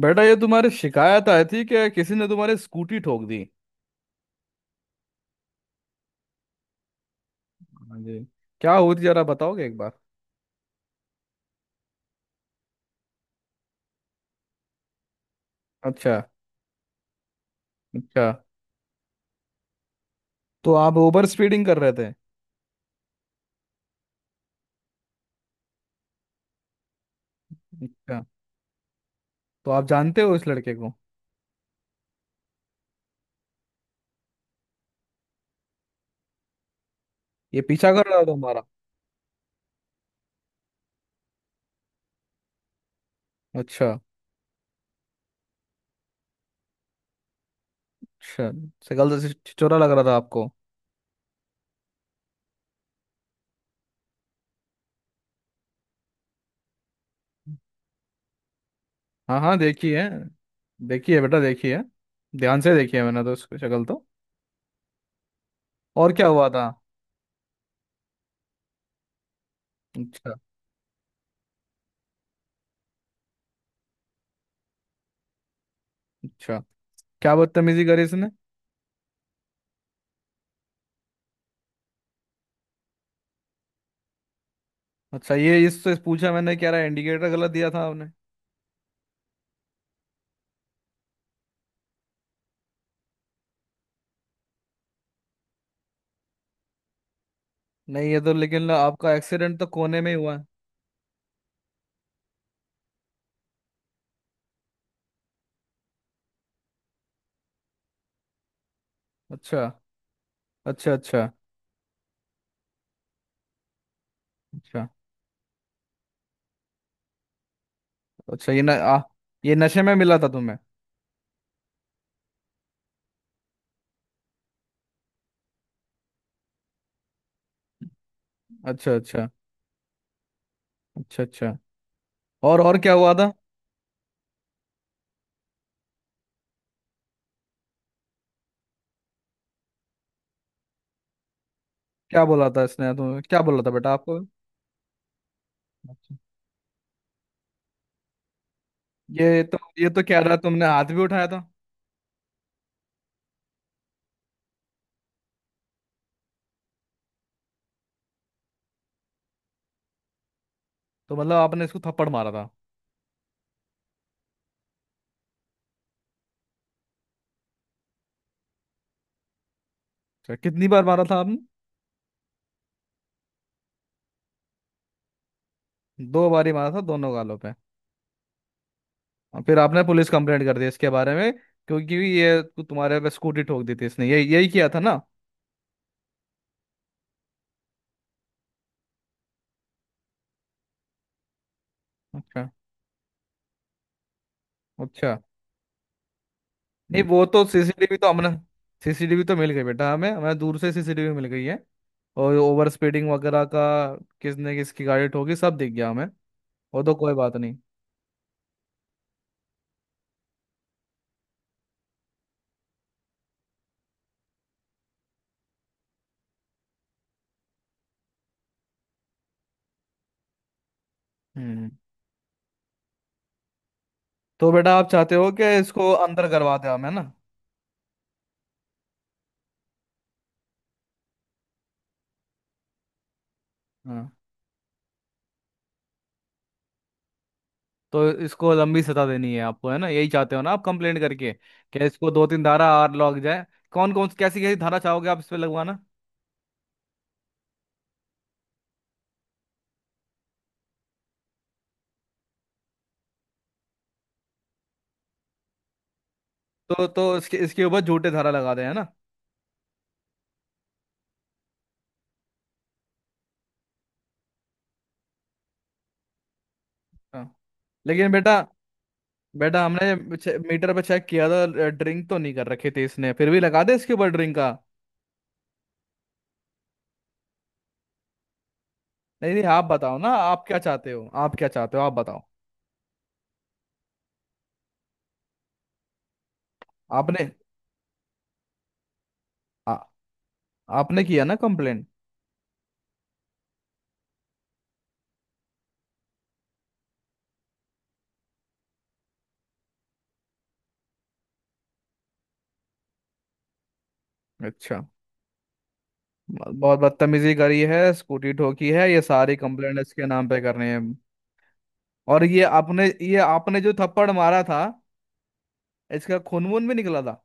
बेटा ये तुम्हारी शिकायत आई थी कि किसी ने तुम्हारी स्कूटी ठोक दी। हाँ जी। क्या हुई थी जरा बताओगे एक बार? अच्छा। अच्छा, तो आप ओवर स्पीडिंग कर रहे थे? अच्छा। तो आप जानते हो इस लड़के को? ये पीछा कर रहा था तुम्हारा? अच्छा। अच्छा, शक्ल से छिछोरा लग रहा था आपको? हाँ हाँ, देखी है। देखी है बेटा, देखी है। ध्यान से देखी है मैंने, तो उसकी शक्ल तो। और क्या हुआ था? अच्छा। अच्छा, क्या बदतमीजी करी इसने? अच्छा, ये इससे पूछा मैंने, क्या रहा, इंडिकेटर गलत दिया था आपने? नहीं, ये तो लेकिन आपका एक्सीडेंट तो कोने में ही हुआ है। अच्छा। अच्छा। अच्छा। अच्छा। अच्छा, ये न, आ, ये नशे में मिला था तुम्हें? अच्छा अच्छा। अच्छा अच्छा, और क्या हुआ था? क्या बोला था इसने तुम्हें, क्या बोला था बेटा आपको? अच्छा। ये तो, ये तो कह रहा है तुमने हाथ भी उठाया था। तो मतलब आपने इसको थप्पड़ मारा था? अच्छा, कितनी बार मारा था आपने? दो बार ही मारा था दोनों गालों पे? और फिर आपने पुलिस कंप्लेंट कर दी इसके बारे में, क्योंकि ये तुम्हारे पे स्कूटी ठोक दी थी इसने, ये यही किया था ना? अच्छा अच्छा। नहीं वो तो सीसीटीवी तो हमने सीसीटीवी तो मिल गई बेटा, हमें हमें दूर से सीसीटीवी मिल गई है। और ओवर स्पीडिंग वगैरह का, किसने किसकी गाड़ी ठोकी, सब दिख गया हमें। वो तो कोई बात नहीं। हम्म तो बेटा आप चाहते हो कि इसको अंदर करवा दें हम, है ना? हाँ, तो इसको लंबी सजा देनी है आपको, है ना? यही चाहते हो ना आप कंप्लेंट करके, कि इसको दो तीन धारा और लग जाए? कौन कौन कैसी कैसी धारा चाहोगे आप इस पे लगवाना? तो इसके इसके ऊपर झूठे धारा लगा दें, है ना? हाँ, लेकिन बेटा। बेटा हमने मीटर पे चेक किया था, ड्रिंक तो नहीं कर रखे थे इसने, फिर भी लगा दे इसके ऊपर ड्रिंक का? नहीं नहीं, आप बताओ ना, आप क्या चाहते हो, आप क्या चाहते हो आप बताओ। आपने आ, आपने किया ना कंप्लेंट? अच्छा, बहुत बदतमीजी करी है, स्कूटी ठोकी है, ये सारी कंप्लेंट इसके नाम पे करनी है? और ये आपने, ये आपने जो थप्पड़ मारा था, इसका खून वून भी निकला था?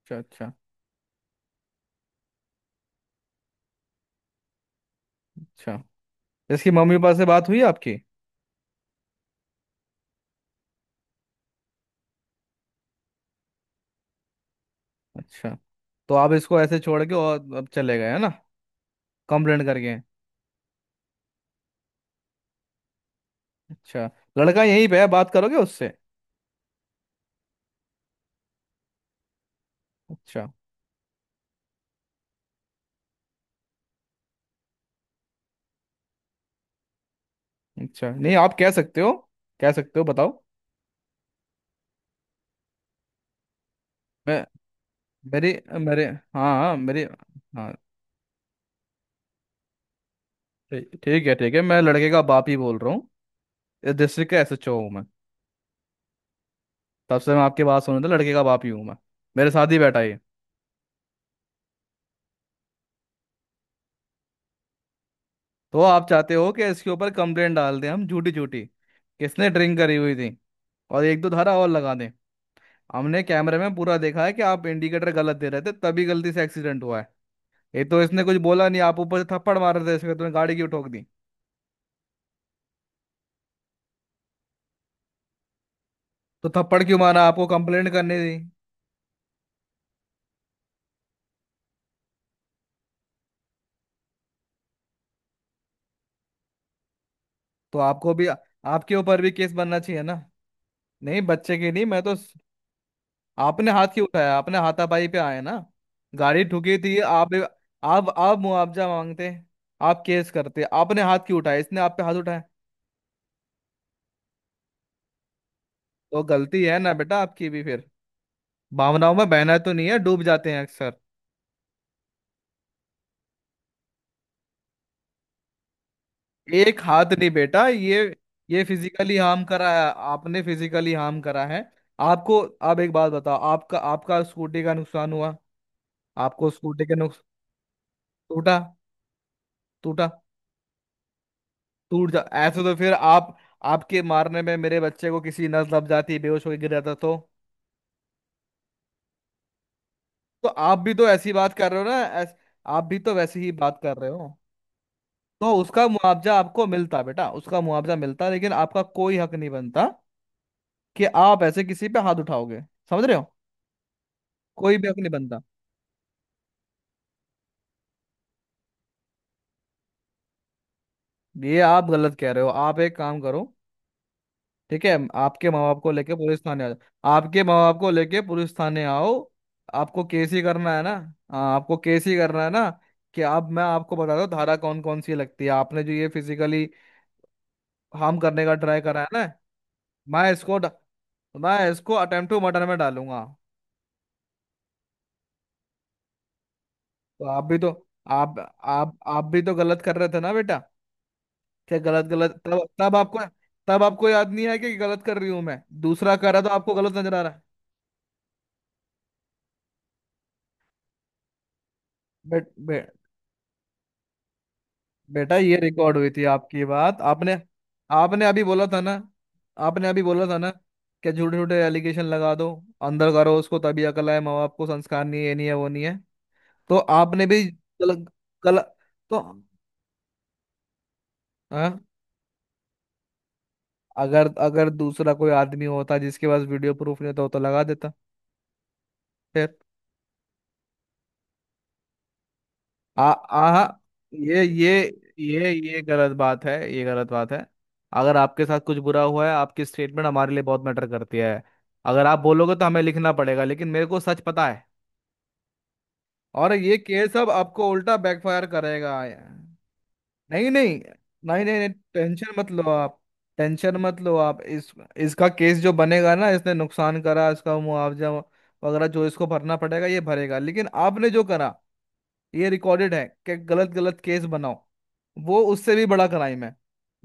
अच्छा अच्छा। अच्छा, इसकी मम्मी पापा से बात हुई आपकी? अच्छा, तो आप इसको ऐसे छोड़ के और अब चले गए, है ना, कंप्लेंट करके? अच्छा, लड़का यहीं पे है, बात करोगे उससे? अच्छा अच्छा, नहीं आप कह सकते हो, कह सकते हो बताओ। मैं मेरे मेरे हाँ हाँ मेरे हाँ, ठीक ठीक है, ठीक है, मैं लड़के का बाप ही बोल रहा हूँ। इस डिस्ट्रिक्ट का एसएचओ हूँ मैं। तब से मैं आपके बात सुन रहा था, लड़के का बाप ही हूँ मैं। मेरे साथ ही बैठा है ये। तो आप चाहते हो कि इसके ऊपर कंप्लेंट डाल दें हम, झूठी झूठी, किसने ड्रिंक करी हुई थी, और एक दो धारा और लगा दें? हमने कैमरे में पूरा देखा है कि आप इंडिकेटर गलत दे रहे थे, तभी गलती से एक्सीडेंट हुआ है। ये तो इसने कुछ बोला नहीं, आप ऊपर से थप्पड़ मार रहे थे, इसमें तुमने गाड़ी क्यों ठोक दी? तो थप्पड़ क्यों मारा, आपको कंप्लेंट करने दी? तो आपको भी, आपके ऊपर भी केस बनना चाहिए ना? नहीं बच्चे की नहीं, मैं तो, आपने हाथ क्यों उठाया, आपने हाथापाई पे आए ना। गाड़ी ठुकी थी, आप मुआवजा मांगते, आप केस करते, आपने हाथ क्यों उठाया, इसने आप पे हाथ उठाया? तो गलती है ना बेटा आपकी भी फिर। भावनाओं में बहना तो नहीं है, डूब जाते हैं अक्सर। एक हाथ नहीं बेटा, ये फिजिकली हार्म करा है, आपने फिजिकली हार्म करा है आपको। आप एक बात बताओ, आपका आपका स्कूटी का नुकसान हुआ, आपको स्कूटी के नुकसान। टूटा? टूटा? टूट जा ऐसे तो फिर आप, आपके मारने में मेरे बच्चे को किसी नस दब जाती, बेहोश होकर गिर जाता तो? तो आप भी तो ऐसी बात कर रहे हो ना। ऐस, आप भी तो वैसी ही बात कर रहे हो। तो उसका मुआवजा आपको मिलता बेटा, उसका मुआवजा मिलता, लेकिन आपका कोई हक नहीं बनता कि आप ऐसे किसी पे हाथ उठाओगे, समझ रहे हो? कोई भी हक नहीं बनता। ये आप गलत कह रहे हो। आप एक काम करो, ठीक है, आपके माँ बाप को लेके पुलिस थाने आ जाओ। आपके माँ बाप को लेके पुलिस थाने आओ, आपको केस ही करना है ना? हाँ, आपको केस ही करना है ना, कि अब मैं आपको बता दूं धारा कौन कौन सी लगती है, आपने जो ये फिजिकली हार्म करने का ट्राई करा है ना। मैं इसको ड- मैं इसको अटेम्प्ट टू मर्डर में डालूंगा। तो आप भी तो, आप आप आप भी तो गलत कर रहे थे ना बेटा। क्या गलत गलत, तब तब आपको, तब आपको याद नहीं आया कि गलत कर रही हूं मैं? दूसरा कर रहा तो आपको गलत नजर आ रहा है? बे, बे, बेटा ये रिकॉर्ड हुई थी आपकी बात, आपने, आपने अभी बोला था ना, आपने अभी बोला था ना, कि झूठे झूठे एलिगेशन लगा दो, अंदर करो उसको, तभी अकल आए, माँ बाप को संस्कार नहीं है, ये नहीं है वो नहीं है। तो आपने भी कल तो। हाँ, अगर अगर दूसरा कोई आदमी होता जिसके पास वीडियो प्रूफ नहीं होता, वो तो लगा देता। आ आ ये ये ये ये गलत बात है, ये गलत बात है। अगर आपके साथ कुछ बुरा हुआ है, आपकी स्टेटमेंट हमारे लिए बहुत मैटर करती है, अगर आप बोलोगे तो हमें लिखना पड़ेगा, लेकिन मेरे को सच पता है। और ये केस अब आपको उल्टा बैकफायर करेगा। नहीं नहीं नहीं नहीं नहीं, टेंशन मत लो आप, टेंशन मत लो आप। इस, इसका केस जो बनेगा ना, इसने नुकसान करा, इसका मुआवजा वगैरह जो इसको भरना पड़ेगा ये भरेगा, लेकिन आपने जो करा, ये रिकॉर्डेड है कि गलत गलत केस बनाओ, वो उससे भी बड़ा क्राइम है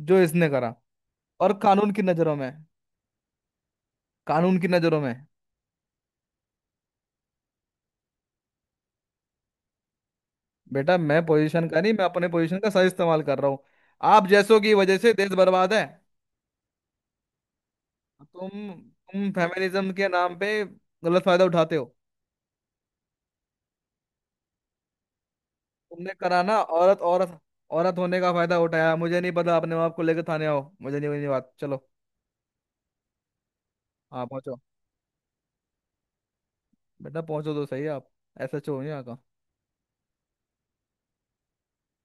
जो इसने करा, और कानून की नजरों में, कानून की नजरों में। बेटा मैं पोजीशन का नहीं, मैं अपने पोजीशन का सही इस्तेमाल कर रहा हूँ। आप जैसों की वजह से देश बर्बाद है। तुम तुम फेमिनिज्म के नाम पे गलत फायदा उठाते हो। तुमने करा ना, औरत औरत औरत होने का फायदा उठाया। मुझे नहीं पता, अपने माँ बाप को लेकर थाने आओ, मुझे नहीं बनी बात, चलो। हाँ, पहुंचो, बेटा पहुंचो तो सही आप। ऐसा छोड़ो यहाँ।